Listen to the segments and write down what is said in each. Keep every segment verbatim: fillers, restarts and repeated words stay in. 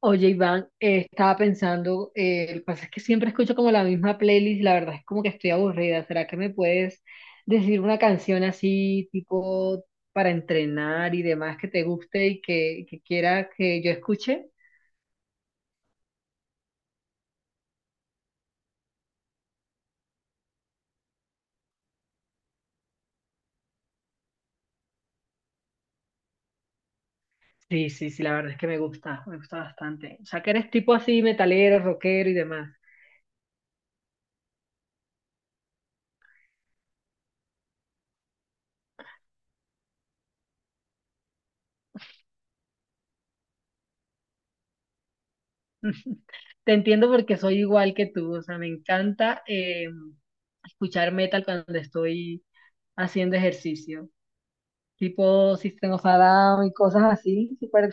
Oye, Iván, eh, estaba pensando, eh, lo que pasa es que siempre escucho como la misma playlist, la verdad es como que estoy aburrida. ¿Será que me puedes decir una canción así, tipo para entrenar y demás, que te guste y que, que quiera que yo escuche? Sí, sí, sí, la verdad es que me gusta, me gusta bastante. O sea, que eres tipo así, metalero, rockero y demás. Te entiendo porque soy igual que tú, o sea, me encanta eh, escuchar metal cuando estoy haciendo ejercicio. Tipo System of a Down y cosas así, súper,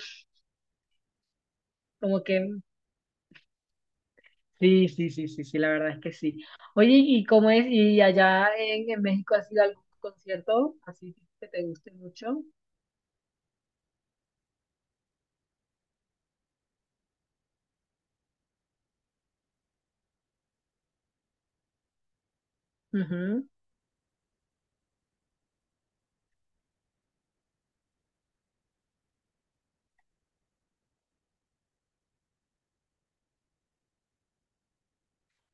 como que sí, sí, sí, sí, sí, la verdad es que sí. Oye, ¿y cómo es? ¿Y allá en, en México has ido a algún concierto así que te guste mucho? Ujú.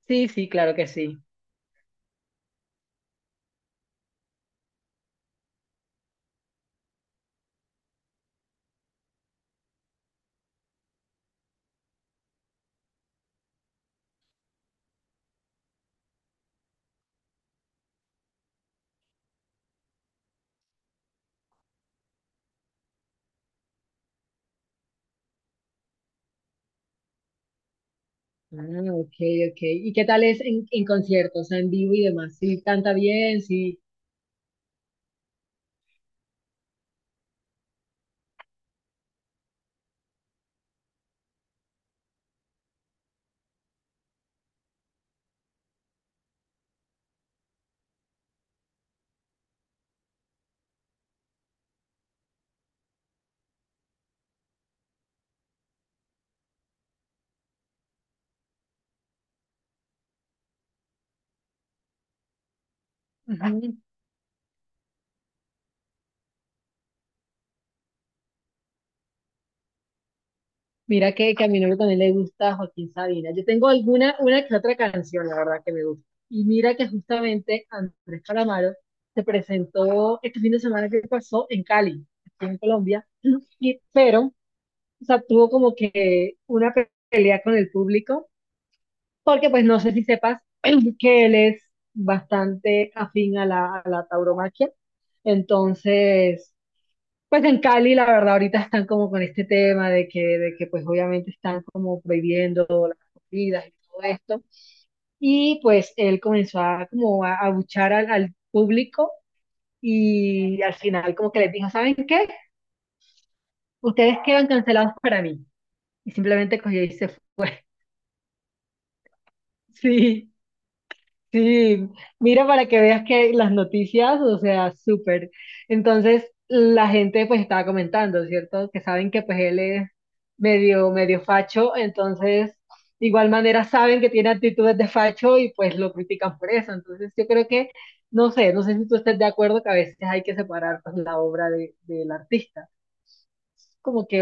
Sí, sí, claro que sí. Ah, ok, ok. ¿Y qué tal es en, en conciertos, en vivo y demás? ¿Sí canta bien? Sí. Ujú. Mira que, que a mi novio también le gusta Joaquín Sabina. Yo tengo alguna, una que otra canción, la verdad, que me gusta. Y mira que justamente Andrés Calamaro se presentó este fin de semana que pasó en Cali, aquí en Colombia, y, pero, o sea, tuvo como que una pe- pelea con el público, porque pues no sé si sepas que él es bastante afín a la, a la tauromaquia. Entonces, pues en Cali, la verdad, ahorita están como con este tema de que, de que pues obviamente están como prohibiendo las comidas y todo esto. Y pues él comenzó a como a abuchar al, al público y al final como que les dijo, ¿saben qué? Ustedes quedan cancelados para mí. Y simplemente cogió y se fue. Sí. Sí, mira para que veas que las noticias, o sea, súper. Entonces, la gente pues estaba comentando, ¿cierto? Que saben que pues él es medio, medio facho, entonces, de igual manera saben que tiene actitudes de facho y pues lo critican por eso. Entonces, yo creo que, no sé, no sé si tú estés de acuerdo que a veces hay que separar pues la obra de, del artista. Como que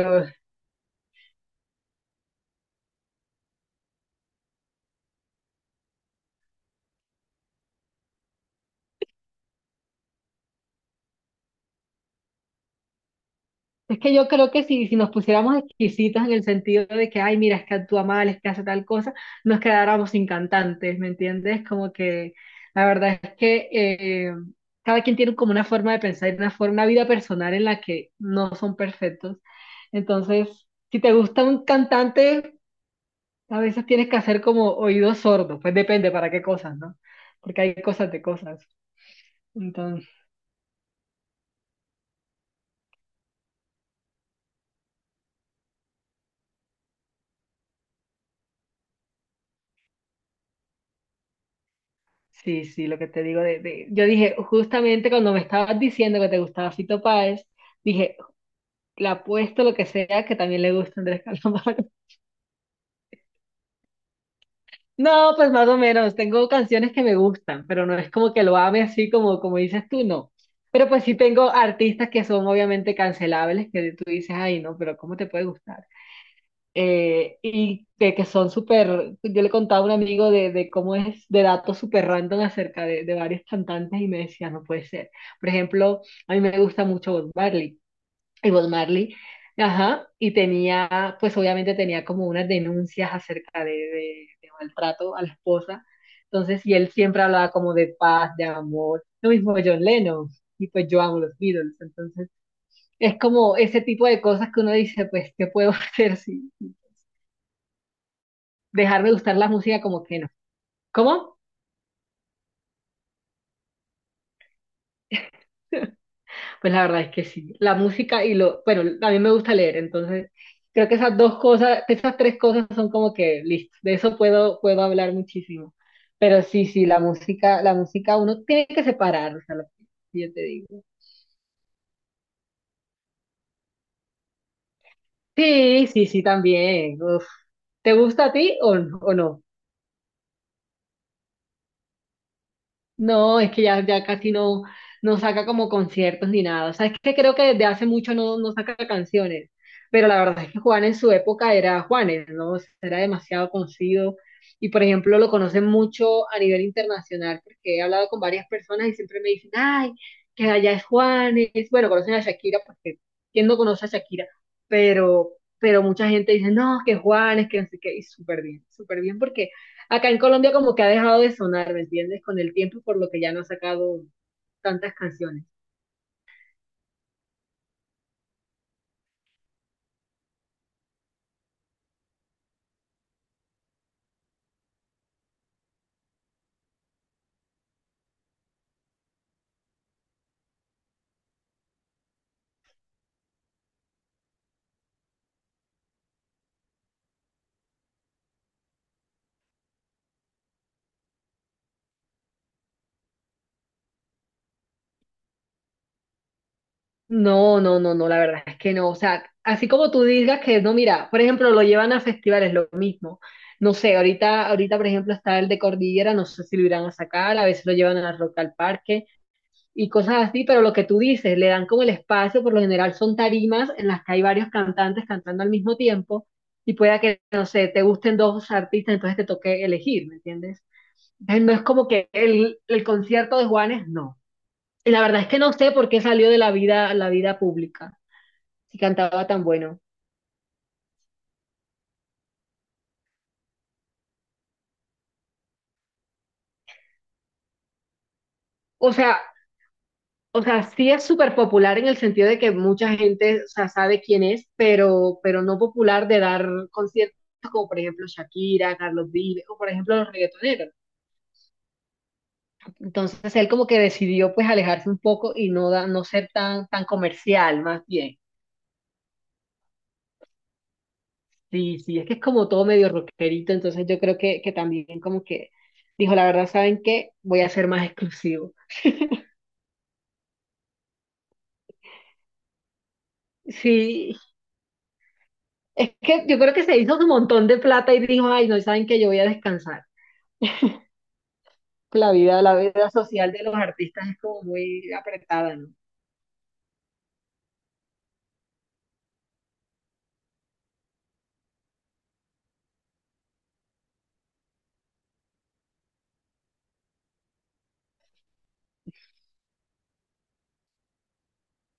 es que yo creo que si, si nos pusiéramos exquisitas en el sentido de que, ay, mira, es que actúa mal, es que hace tal cosa, nos quedáramos sin cantantes, ¿me entiendes? Como que la verdad es que eh, cada quien tiene como una forma de pensar y una forma, una vida personal en la que no son perfectos. Entonces, si te gusta un cantante, a veces tienes que hacer como oídos sordos, pues depende para qué cosas, ¿no? Porque hay cosas de cosas. Sí, sí, lo que te digo de, de- yo dije, justamente cuando me estabas diciendo que te gustaba Fito Páez, dije, le apuesto lo que sea que también le gusta Andrés Calamaro. No, pues más o menos, tengo canciones que me gustan, pero no es como que lo ame así como, como dices tú, no. Pero pues sí tengo artistas que son obviamente cancelables, que tú dices, ay, no, pero ¿cómo te puede gustar? Eh, y que, que son súper, yo le contaba a un amigo de, de cómo es, de datos súper random acerca de, de varios cantantes y me decía, no puede ser. Por ejemplo, a mí me gusta mucho Bob Marley. Y Bob Marley, ajá, y tenía, pues obviamente tenía como unas denuncias acerca de, de, de maltrato a la esposa. Entonces, y él siempre hablaba como de paz, de amor, lo mismo que John Lennon. Y pues yo amo los Beatles, entonces es como ese tipo de cosas que uno dice, pues, ¿qué puedo hacer si, dejar de gustar la música como que no. ¿Cómo? Pues la verdad es que sí. La música y lo, bueno, a mí me gusta leer, entonces creo que esas dos cosas, esas tres cosas son como que listo. De eso puedo, puedo hablar muchísimo. Pero sí, sí, la música, la música uno tiene que separar, o sea, lo que yo te digo. Sí, sí, sí, también. Uf. ¿Te gusta a ti o, o no? No, es que ya, ya casi no, no saca como conciertos ni nada. O sea, es que creo que desde hace mucho no, no saca canciones. Pero la verdad es que Juan en su época era Juanes, ¿no? O sea, era demasiado conocido. Y por ejemplo, lo conocen mucho a nivel internacional, porque he hablado con varias personas y siempre me dicen, ay, que allá es Juanes. Bueno, conocen a Shakira, porque ¿quién no conoce a Shakira? Pero, pero mucha gente dice, no, que Juanes, que no sé qué. Y súper bien, súper bien, porque acá en Colombia como que ha dejado de sonar, ¿me entiendes? Con el tiempo, por lo que ya no ha sacado tantas canciones. No, no, no, no, la verdad es que no. O sea, así como tú digas que no, mira, por ejemplo, lo llevan a festivales, lo mismo. No sé, ahorita, ahorita, por ejemplo, está el de Cordillera, no sé si lo irán a sacar, a veces lo llevan a Rock al Parque y cosas así, pero lo que tú dices, le dan como el espacio, por lo general son tarimas en las que hay varios cantantes cantando al mismo tiempo y pueda que, no sé, te gusten dos artistas, entonces te toque elegir, ¿me entiendes? Eh, No es como que el, el concierto de Juanes, no. Y la verdad es que no sé por qué salió de la vida, la vida pública, si cantaba tan bueno. O sea, o sea, sí es súper popular en el sentido de que mucha gente, o sea, sabe quién es, pero, pero no popular de dar conciertos como por ejemplo Shakira, Carlos Vives, o por ejemplo los reggaetoneros. Entonces él como que decidió pues alejarse un poco y no, da, no ser tan, tan comercial, más bien. Sí, sí, es que es como todo medio rockerito, entonces yo creo que, que también como que dijo, la verdad, ¿saben qué? Voy a ser más exclusivo. Sí, es que yo creo que se hizo un montón de plata y dijo, ay, no, ¿saben qué? Yo voy a descansar. La vida, la vida social de los artistas es como muy apretada, ¿no?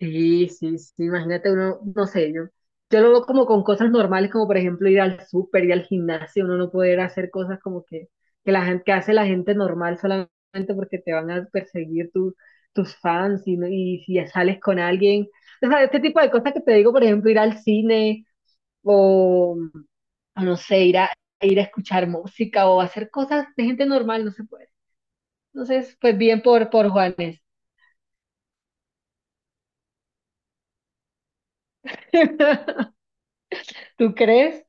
Sí, sí, sí, imagínate uno, no sé, yo, yo lo veo como con cosas normales, como por ejemplo ir al súper, ir al gimnasio, uno no poder hacer cosas como que, que la gente, que hace la gente normal solamente porque te van a perseguir tu- tus fans y, no- y si ya sales con alguien. O sea, este tipo de cosas que te digo, por ejemplo, ir al cine o, o no sé, ir a, ir a escuchar música o hacer cosas de gente normal, no se puede. Entonces, pues bien por, por Juanes. ¿Tú crees?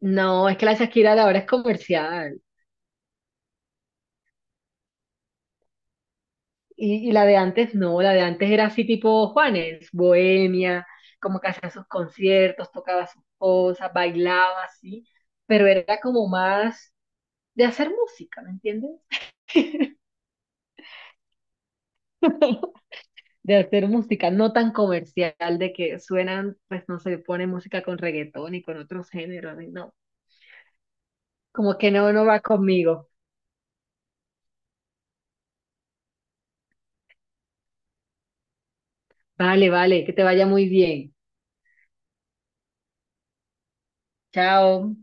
No, es que la Shakira de ahora es comercial. Y, y la de antes no, la de antes era así tipo Juanes, bohemia, como que hacía sus conciertos, tocaba sus cosas, bailaba así, pero era como más de hacer música, ¿me entiendes? De hacer música, no tan comercial, de que suenan, pues no sé, pone música con reggaetón y con otros géneros, y no, como que no, no va conmigo. Vale, vale, que te vaya muy bien. Chao.